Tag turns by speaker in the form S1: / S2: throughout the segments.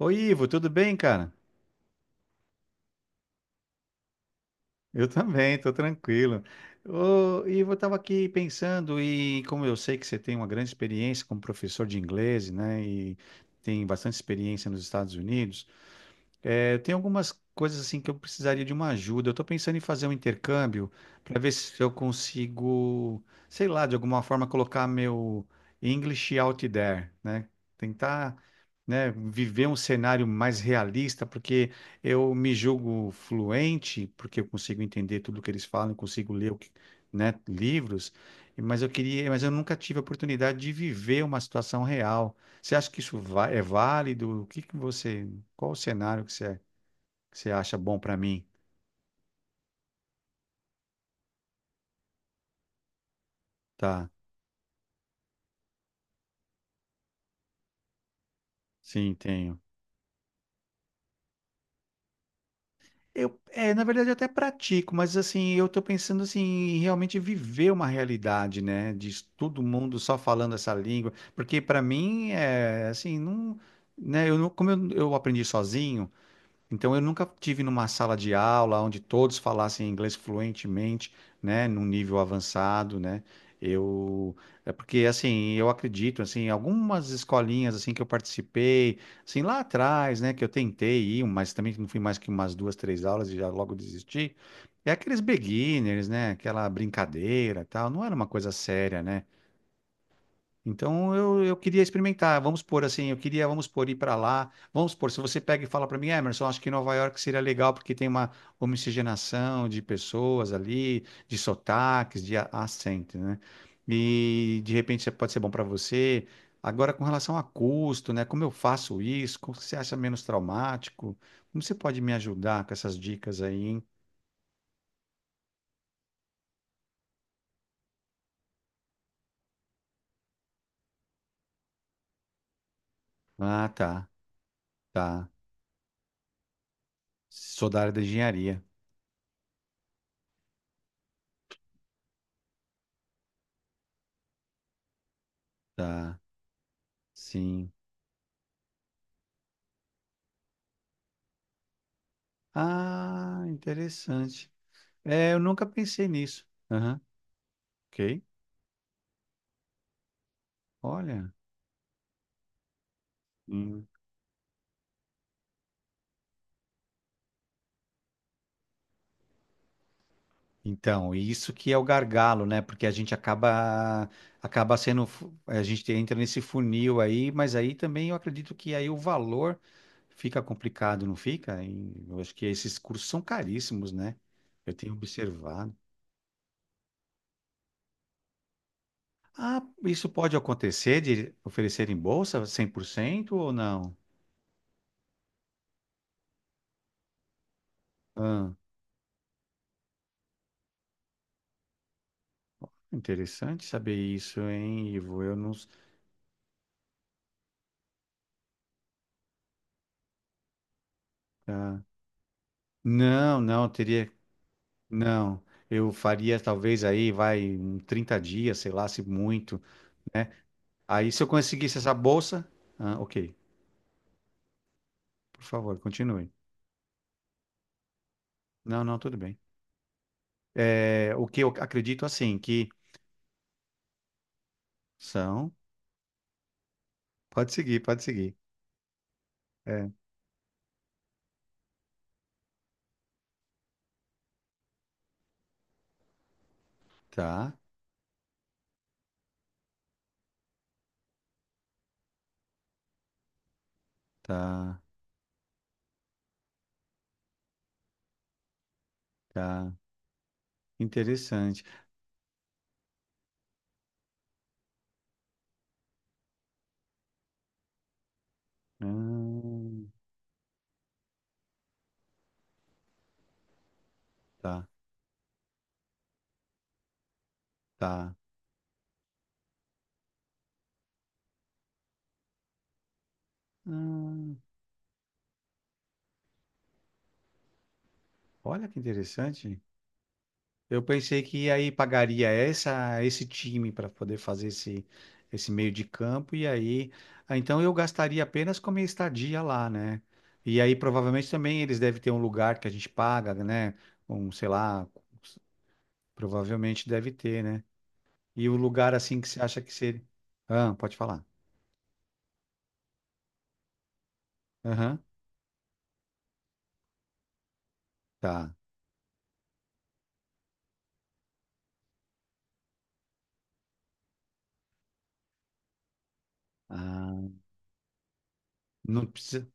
S1: Oi, Ivo, tudo bem, cara? Eu também, tô tranquilo. Ô, Ivo, eu tava aqui pensando e como eu sei que você tem uma grande experiência como professor de inglês, né, e tem bastante experiência nos Estados Unidos. É, tem algumas coisas assim que eu precisaria de uma ajuda. Eu estou pensando em fazer um intercâmbio para ver se eu consigo, sei lá, de alguma forma colocar meu English out there, né? Tentar, né, viver um cenário mais realista, porque eu me julgo fluente, porque eu consigo entender tudo que eles falam, consigo ler, né, livros, mas eu nunca tive a oportunidade de viver uma situação real. Você acha que isso é válido? O que que você Qual o cenário que você acha bom para mim? Tá, sim, tenho. Na verdade, eu até pratico, mas assim, eu tô pensando assim, em realmente viver uma realidade, né? De todo mundo só falando essa língua, porque para mim é assim, não, né? Eu não, como eu aprendi sozinho. Então eu nunca tive numa sala de aula onde todos falassem inglês fluentemente, né, num nível avançado, né? Eu É porque assim, eu acredito assim, algumas escolinhas assim que eu participei, assim lá atrás, né, que eu tentei ir, mas também não fui mais que umas duas, três aulas e já logo desisti. É aqueles beginners, né, aquela brincadeira, tal, não era uma coisa séria, né? Então eu queria experimentar. Vamos por assim, eu queria, vamos por ir para lá. Vamos por, se você pega e fala para mim, Emerson, acho que Nova York seria legal porque tem uma homogeneização de pessoas ali, de sotaques, de acento, né? E de repente isso pode ser bom para você. Agora, com relação a custo, né? Como eu faço isso? Como você acha menos traumático? Como você pode me ajudar com essas dicas aí, hein? Ah, tá, tá. Sou da área da engenharia, tá? Sim. Ah, interessante. É, eu nunca pensei nisso. Aham, ok. Olha. Hum. Então, isso que é o gargalo, né? Porque a gente acaba sendo, a gente entra nesse funil aí, mas aí também eu acredito que aí o valor fica complicado, não fica? E eu acho que esses cursos são caríssimos, né? Eu tenho observado. Ah, isso pode acontecer de oferecer em bolsa 100% ou não? Ah, interessante saber isso, hein, Ivo? Eu não. Tá. Não, não, teria. Não. Eu faria talvez aí, vai, 30 dias, sei lá, se muito, né? Aí se eu conseguisse essa bolsa. Ah, ok, por favor, continue. Não, não, tudo bem. É, o que eu acredito assim, que são. Pode seguir, pode seguir. É, tá, tá, tá. Interessante. Hum, tá, tá. Hum, olha que interessante. Eu pensei que aí pagaria essa, esse time para poder fazer esse meio de campo, e aí, ah, então eu gastaria apenas com a minha estadia lá, né? E aí provavelmente também eles devem ter um lugar que a gente paga, né? Sei lá, provavelmente deve ter, né? E o lugar assim que você acha que seria. Ah, pode falar. Aham, tá. Ah, não precisa.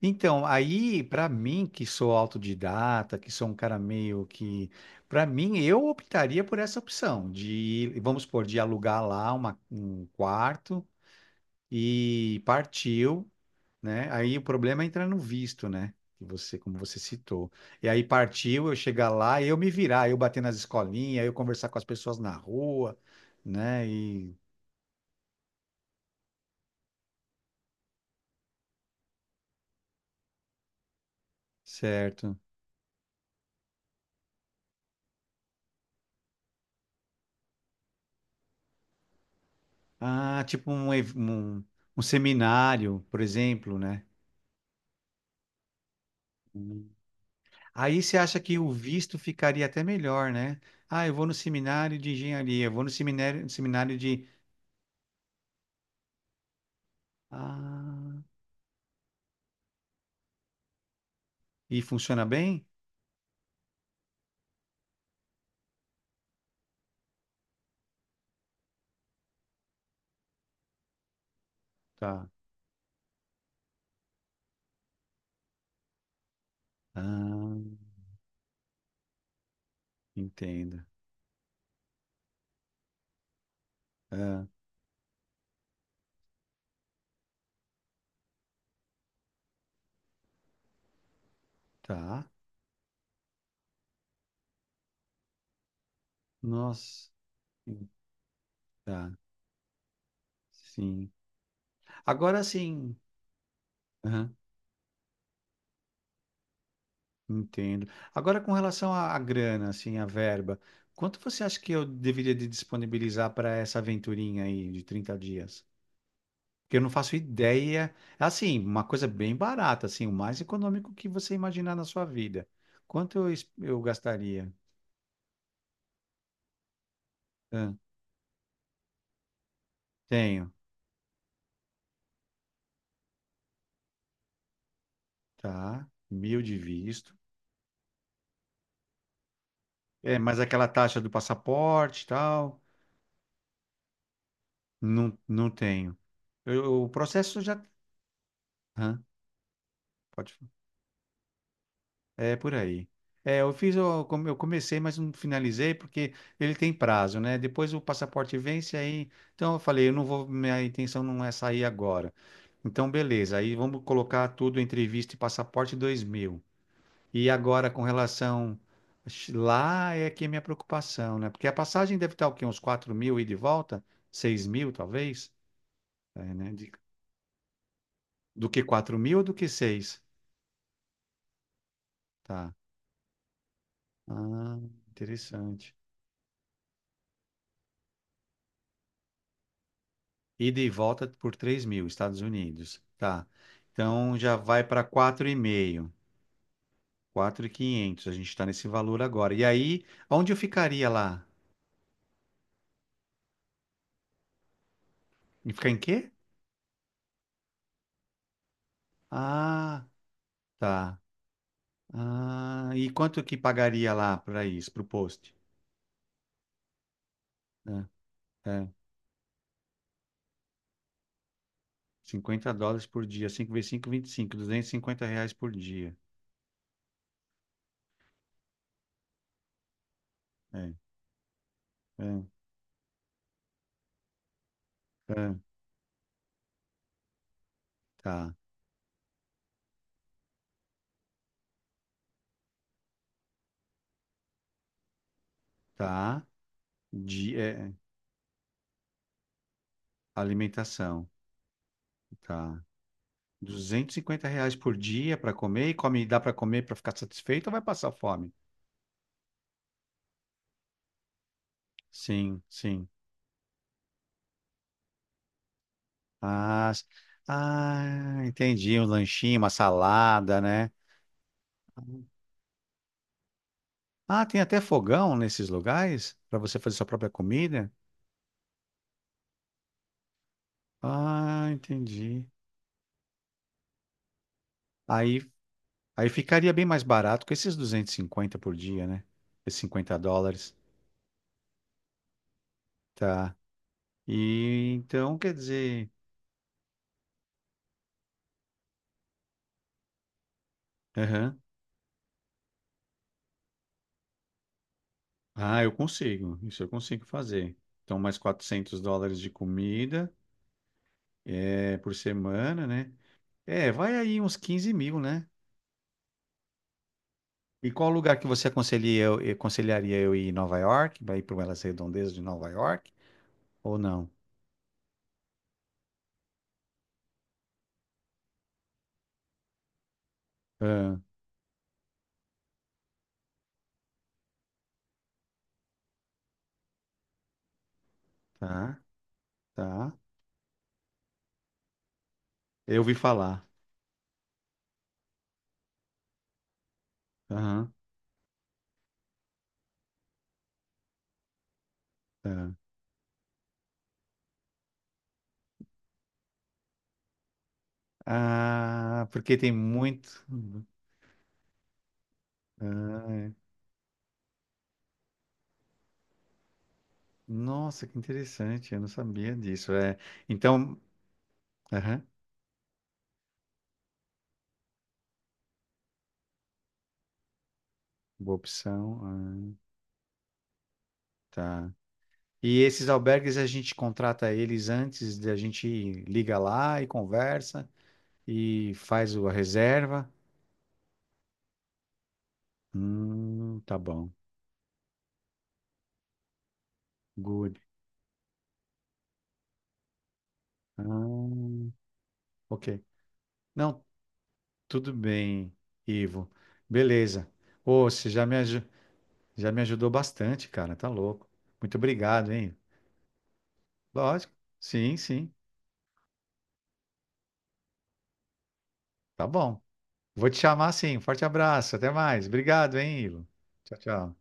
S1: Então, aí, para mim, que sou autodidata, que sou um cara meio que. Para mim, eu optaria por essa opção de, vamos supor, de alugar lá um quarto e partiu, né? Aí o problema é entrar no visto, né? Que você, como você citou. E aí partiu, eu chegar lá, eu me virar, eu bater nas escolinhas, eu conversar com as pessoas na rua, né? E. Certo. Ah, tipo um seminário, por exemplo, né? Aí você acha que o visto ficaria até melhor, né? Ah, eu vou no seminário de engenharia, eu vou no seminário, seminário de. Ah, e funciona bem? Tá. Ah, entenda. Ah, tá. Nossa. Tá. Sim. Agora sim. Aham, entendo. Agora com relação à grana, assim, à verba, quanto você acha que eu deveria de disponibilizar para essa aventurinha aí de 30 dias? Que eu não faço ideia. Assim, uma coisa bem barata, assim, o mais econômico que você imaginar na sua vida. Quanto eu gastaria? Ah, tenho, tá? 1.000 de visto. É, mas aquela taxa do passaporte e tal, não, não tenho. O processo já. Hã? Pode. É por aí. É, eu fiz, eu comecei, mas não finalizei porque ele tem prazo, né? Depois o passaporte vence aí. Então eu falei, eu não vou, minha intenção não é sair agora. Então beleza, aí vamos colocar tudo entre visto e passaporte 2000. E agora com relação lá é que é minha preocupação, né? Porque a passagem deve estar o quê? Uns 4.000 e de volta? 6.000 talvez? É, né? Do que 4.000 ou do que seis. Tá. Ah, interessante. Ida e volta por 3.000, Estados Unidos. Tá. Então já vai para quatro, quatro e meio, 4.500. A gente está nesse valor agora. E aí, onde eu ficaria lá? E ficar em quê? Ah, tá. Ah, e quanto que pagaria lá para isso, para o post? É, é, US$ 50 por dia. 5 vezes cinco. Cinco, vinte e cinco. R$ 250 por dia. É, é, é. Tá, tá. De, é, é, alimentação. Tá. R$ 250 por dia para comer e come, dá para comer para ficar satisfeito ou vai passar fome? Sim, sim. Ah, s- ah, entendi. Um lanchinho, uma salada, né? Ah, tem até fogão nesses lugares para você fazer sua própria comida? Ah, entendi. Aí, aí ficaria bem mais barato com esses 250 por dia, né? Esses US$ 50. Tá. E então, quer dizer. Ah, eu consigo. Isso eu consigo fazer. Então, mais US$ 400 de comida, é, por semana, né? É, vai aí uns 15.000, né? E qual lugar que você aconselharia eu ir? Em Nova York? Vai ir para elas redondezas de Nova York? Ou não? Ah, tá, tá. Eu ouvi falar. Aham, tá. Ah, porque tem muito. Hum. Ah, é. Nossa, que interessante. Eu não sabia disso. É. Então, aham, boa opção. Ah, tá. E esses albergues a gente contrata eles antes, a gente liga lá e conversa e faz a reserva. Tá bom. Good. Ah, ok. Não, tudo bem, Ivo. Beleza. Ô, você já me ajudou bastante, cara. Tá louco. Muito obrigado, hein? Lógico. Sim, sim. Tá bom. Vou te chamar sim. Forte abraço. Até mais. Obrigado, hein, Ivo. Tchau, tchau.